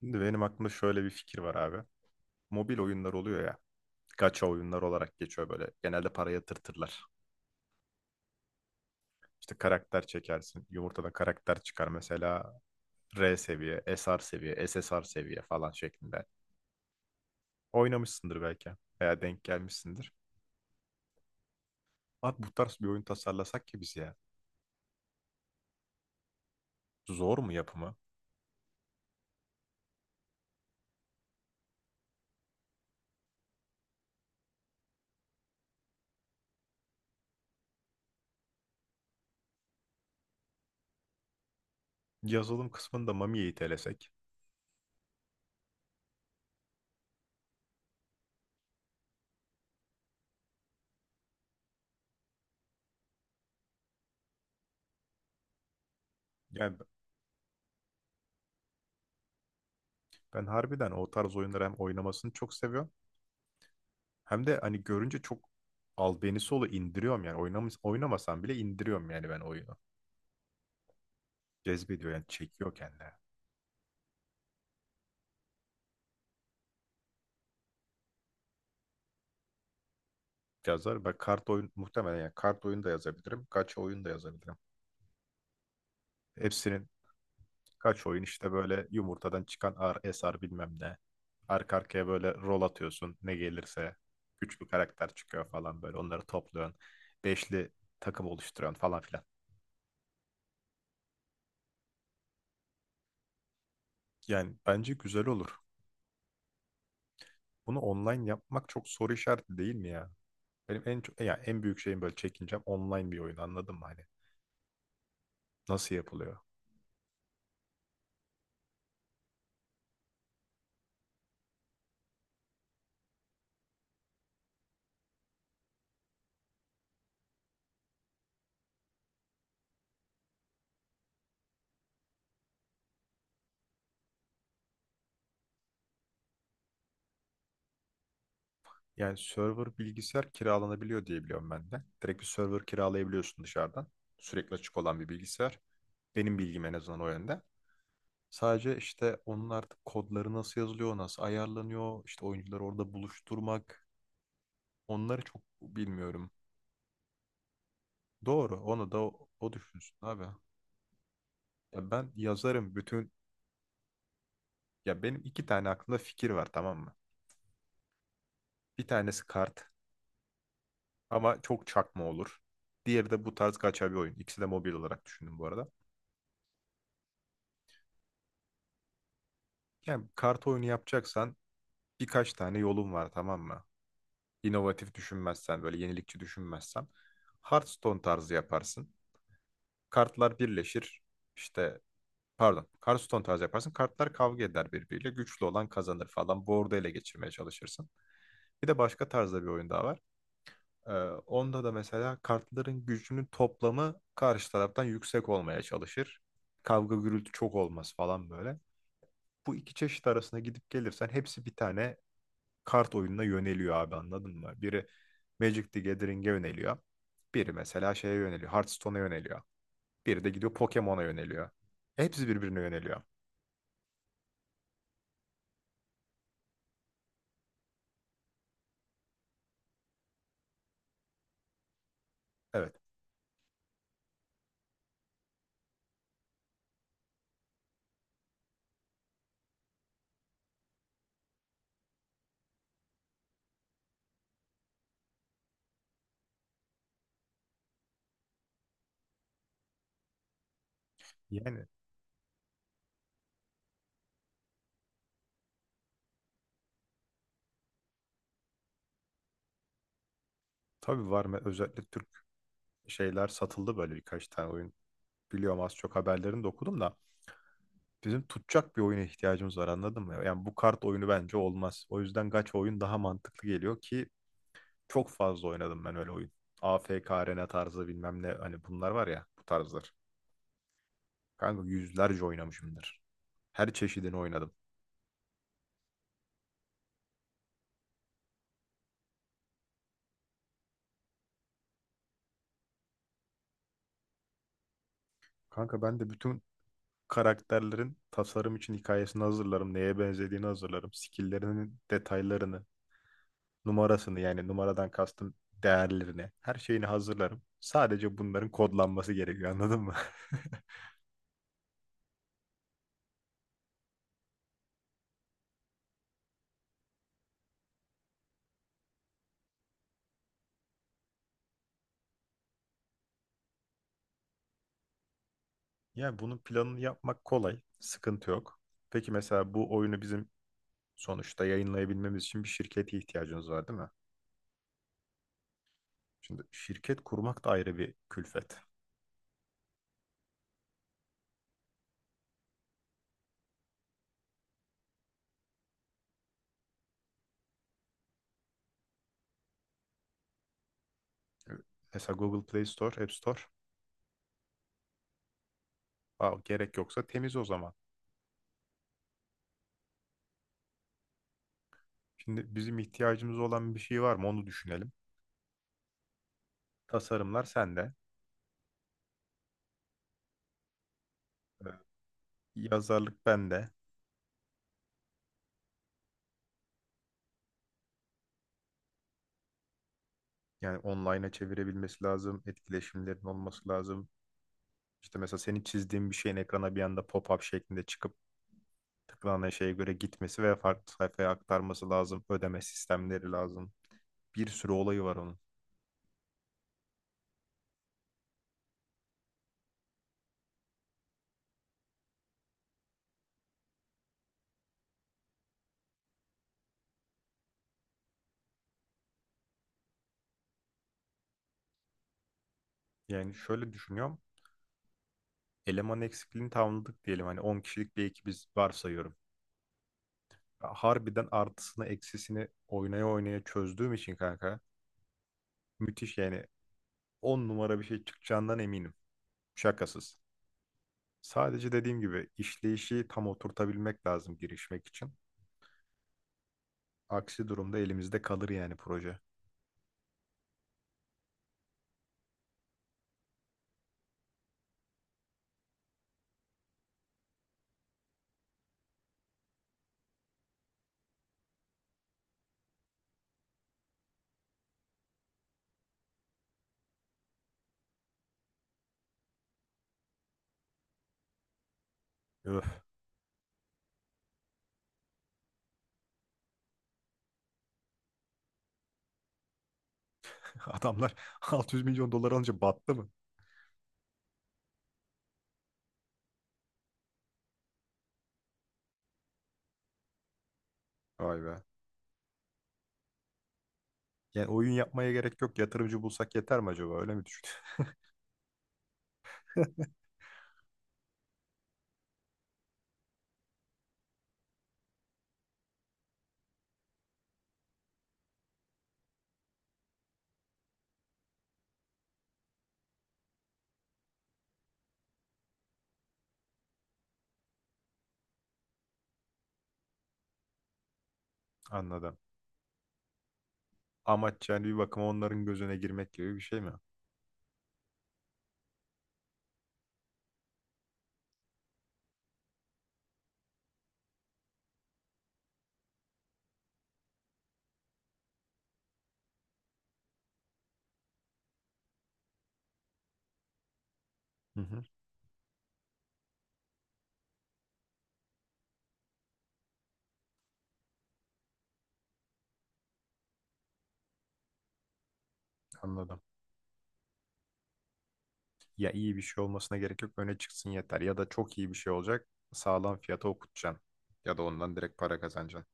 Şimdi benim aklımda şöyle bir fikir var abi. Mobil oyunlar oluyor ya. Gacha oyunlar olarak geçiyor böyle. Genelde para yatırtırlar. İşte karakter çekersin. Yumurtadan karakter çıkar. Mesela R seviye, S R seviye, S S R seviye falan şeklinde. Oynamışsındır belki veya denk gelmişsindir. Abi bu tarz bir oyun tasarlasak ki biz ya. Zor mu yapımı? Yazılım kısmında Mami'yi itelesek. Yani ben harbiden o tarz oyunları hem oynamasını çok seviyorum, hem de hani görünce çok albenisi olu indiriyorum yani. Oynamasam bile indiriyorum yani ben oyunu. Cezbediyor yani çekiyor kendine. Yazar ben kart oyun muhtemelen, yani kart oyunu da yazabilirim. Kaç oyun da yazabilirim. Hepsinin kaç oyun işte böyle yumurtadan çıkan ar esar bilmem ne. Arka arkaya böyle rol atıyorsun ne gelirse. Güçlü karakter çıkıyor falan böyle onları topluyorsun. Beşli takım oluşturuyorsun falan filan. Yani bence güzel olur. Bunu online yapmak çok soru işareti değil mi ya? Benim en çok yani en büyük şeyim böyle çekincem online bir oyun, anladın mı hani? Nasıl yapılıyor? Yani server bilgisayar kiralanabiliyor diye biliyorum ben de. Direkt bir server kiralayabiliyorsun dışarıdan. Sürekli açık olan bir bilgisayar. Benim bilgim en azından o yönde. Sadece işte onun artık kodları nasıl yazılıyor, nasıl ayarlanıyor, işte oyuncuları orada buluşturmak. Onları çok bilmiyorum. Doğru, onu da o düşünsün abi. Ya ben yazarım bütün, ya benim iki tane aklımda fikir var, tamam mı? Bir tanesi kart. Ama çok çakma olur. Diğeri de bu tarz gacha bir oyun. İkisi de mobil olarak düşündüm bu arada. Yani kart oyunu yapacaksan birkaç tane yolun var, tamam mı? İnovatif düşünmezsen, böyle yenilikçi düşünmezsen Hearthstone tarzı yaparsın. Kartlar birleşir. İşte, pardon, Hearthstone tarzı yaparsın. Kartlar kavga eder birbiriyle. Güçlü olan kazanır falan. Board'u ele geçirmeye çalışırsın. Bir de başka tarzda bir oyun daha var. Ee, Onda da mesela kartların gücünün toplamı karşı taraftan yüksek olmaya çalışır. Kavga gürültü çok olmaz falan böyle. Bu iki çeşit arasına gidip gelirsen hepsi bir tane kart oyununa yöneliyor abi, anladın mı? Biri Magic the Gathering'e yöneliyor. Biri mesela şeye yöneliyor, Hearthstone'a yöneliyor. Biri de gidiyor Pokemon'a yöneliyor. Hepsi birbirine yöneliyor. Evet. Yani tabii var mı, özellikle Türk şeyler satıldı böyle birkaç tane oyun. Biliyorum, az çok haberlerini de okudum da. Bizim tutacak bir oyuna ihtiyacımız var, anladın mı? Yani bu kart oyunu bence olmaz. O yüzden gacha oyun daha mantıklı geliyor ki çok fazla oynadım ben öyle oyun. AFK Arena tarzı bilmem ne, hani bunlar var ya bu tarzlar. Kanka yüzlerce oynamışımdır. Her çeşidini oynadım. Kanka ben de bütün karakterlerin tasarım için hikayesini hazırlarım. Neye benzediğini hazırlarım. Skill'lerinin detaylarını, numarasını, yani numaradan kastım değerlerini, her şeyini hazırlarım. Sadece bunların kodlanması gerekiyor, anladın mı? Yani bunun planını yapmak kolay, sıkıntı yok. Peki mesela bu oyunu bizim sonuçta yayınlayabilmemiz için bir şirkete ihtiyacımız var, değil mi? Şimdi şirket kurmak da ayrı bir külfet. Mesela Google Play Store, App Store, aa, gerek yoksa temiz o zaman. Şimdi bizim ihtiyacımız olan bir şey var mı onu düşünelim. Tasarımlar sende, evet, yazarlık bende. Yani online'a çevirebilmesi lazım, etkileşimlerin olması lazım. İşte mesela senin çizdiğin bir şeyin ekrana bir anda pop-up şeklinde çıkıp tıklanan şeye göre gitmesi ve farklı sayfaya aktarması lazım. Ödeme sistemleri lazım. Bir sürü olayı var onun. Yani şöyle düşünüyorum. Eleman eksikliğini tamamladık diyelim. Hani 10 kişilik bir ekibiz varsayıyorum. Harbiden artısını eksisini oynaya oynaya çözdüğüm için kanka müthiş, yani 10 numara bir şey çıkacağından eminim. Şakasız. Sadece dediğim gibi işleyişi tam oturtabilmek lazım girişmek için. Aksi durumda elimizde kalır yani proje. Öf. Adamlar 600 milyon dolar alınca battı mı? Vay be. Yani oyun yapmaya gerek yok. Yatırımcı bulsak yeter mi acaba? Öyle mi düşündün? Anladım. Amaç yani bir bakıma onların gözüne girmek gibi bir şey mi? Hı hı, anladım. Ya iyi bir şey olmasına gerek yok. Öne çıksın yeter. Ya da çok iyi bir şey olacak. Sağlam fiyata okutacaksın. Ya da ondan direkt para kazanacaksın.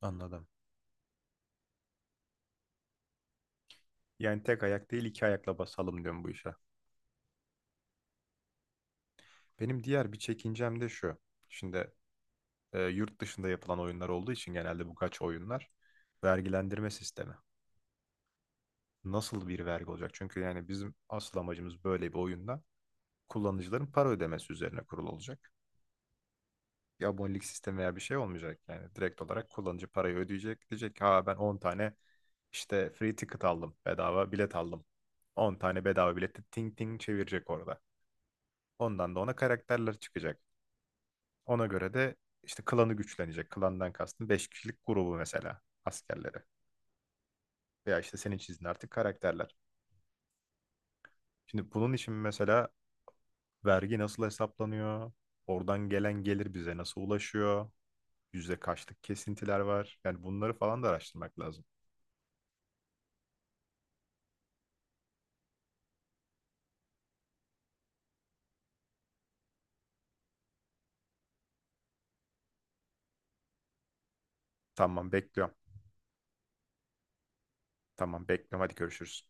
Anladım. Yani tek ayak değil iki ayakla basalım diyorum bu işe. Benim diğer bir çekincem de şu. Şimdi yurt dışında yapılan oyunlar olduğu için genelde bu kaç oyunlar vergilendirme sistemi, nasıl bir vergi olacak? Çünkü yani bizim asıl amacımız böyle bir oyunda kullanıcıların para ödemesi üzerine kurulu olacak. Bir abonelik sistemi veya bir şey olmayacak. Yani direkt olarak kullanıcı parayı ödeyecek. Diyecek, ha ben 10 tane işte free ticket aldım. Bedava bilet aldım. 10 tane bedava bileti ting ting çevirecek orada. Ondan da ona karakterler çıkacak. Ona göre de işte klanı güçlenecek. Klandan kastım 5 kişilik grubu, mesela askerleri. Veya işte senin çizdiğin artık karakterler. Şimdi bunun için mesela vergi nasıl hesaplanıyor? Oradan gelen gelir bize nasıl ulaşıyor? Yüzde kaçlık kesintiler var? Yani bunları falan da araştırmak lazım. Tamam, bekliyorum. Tamam, bekliyorum. Hadi görüşürüz.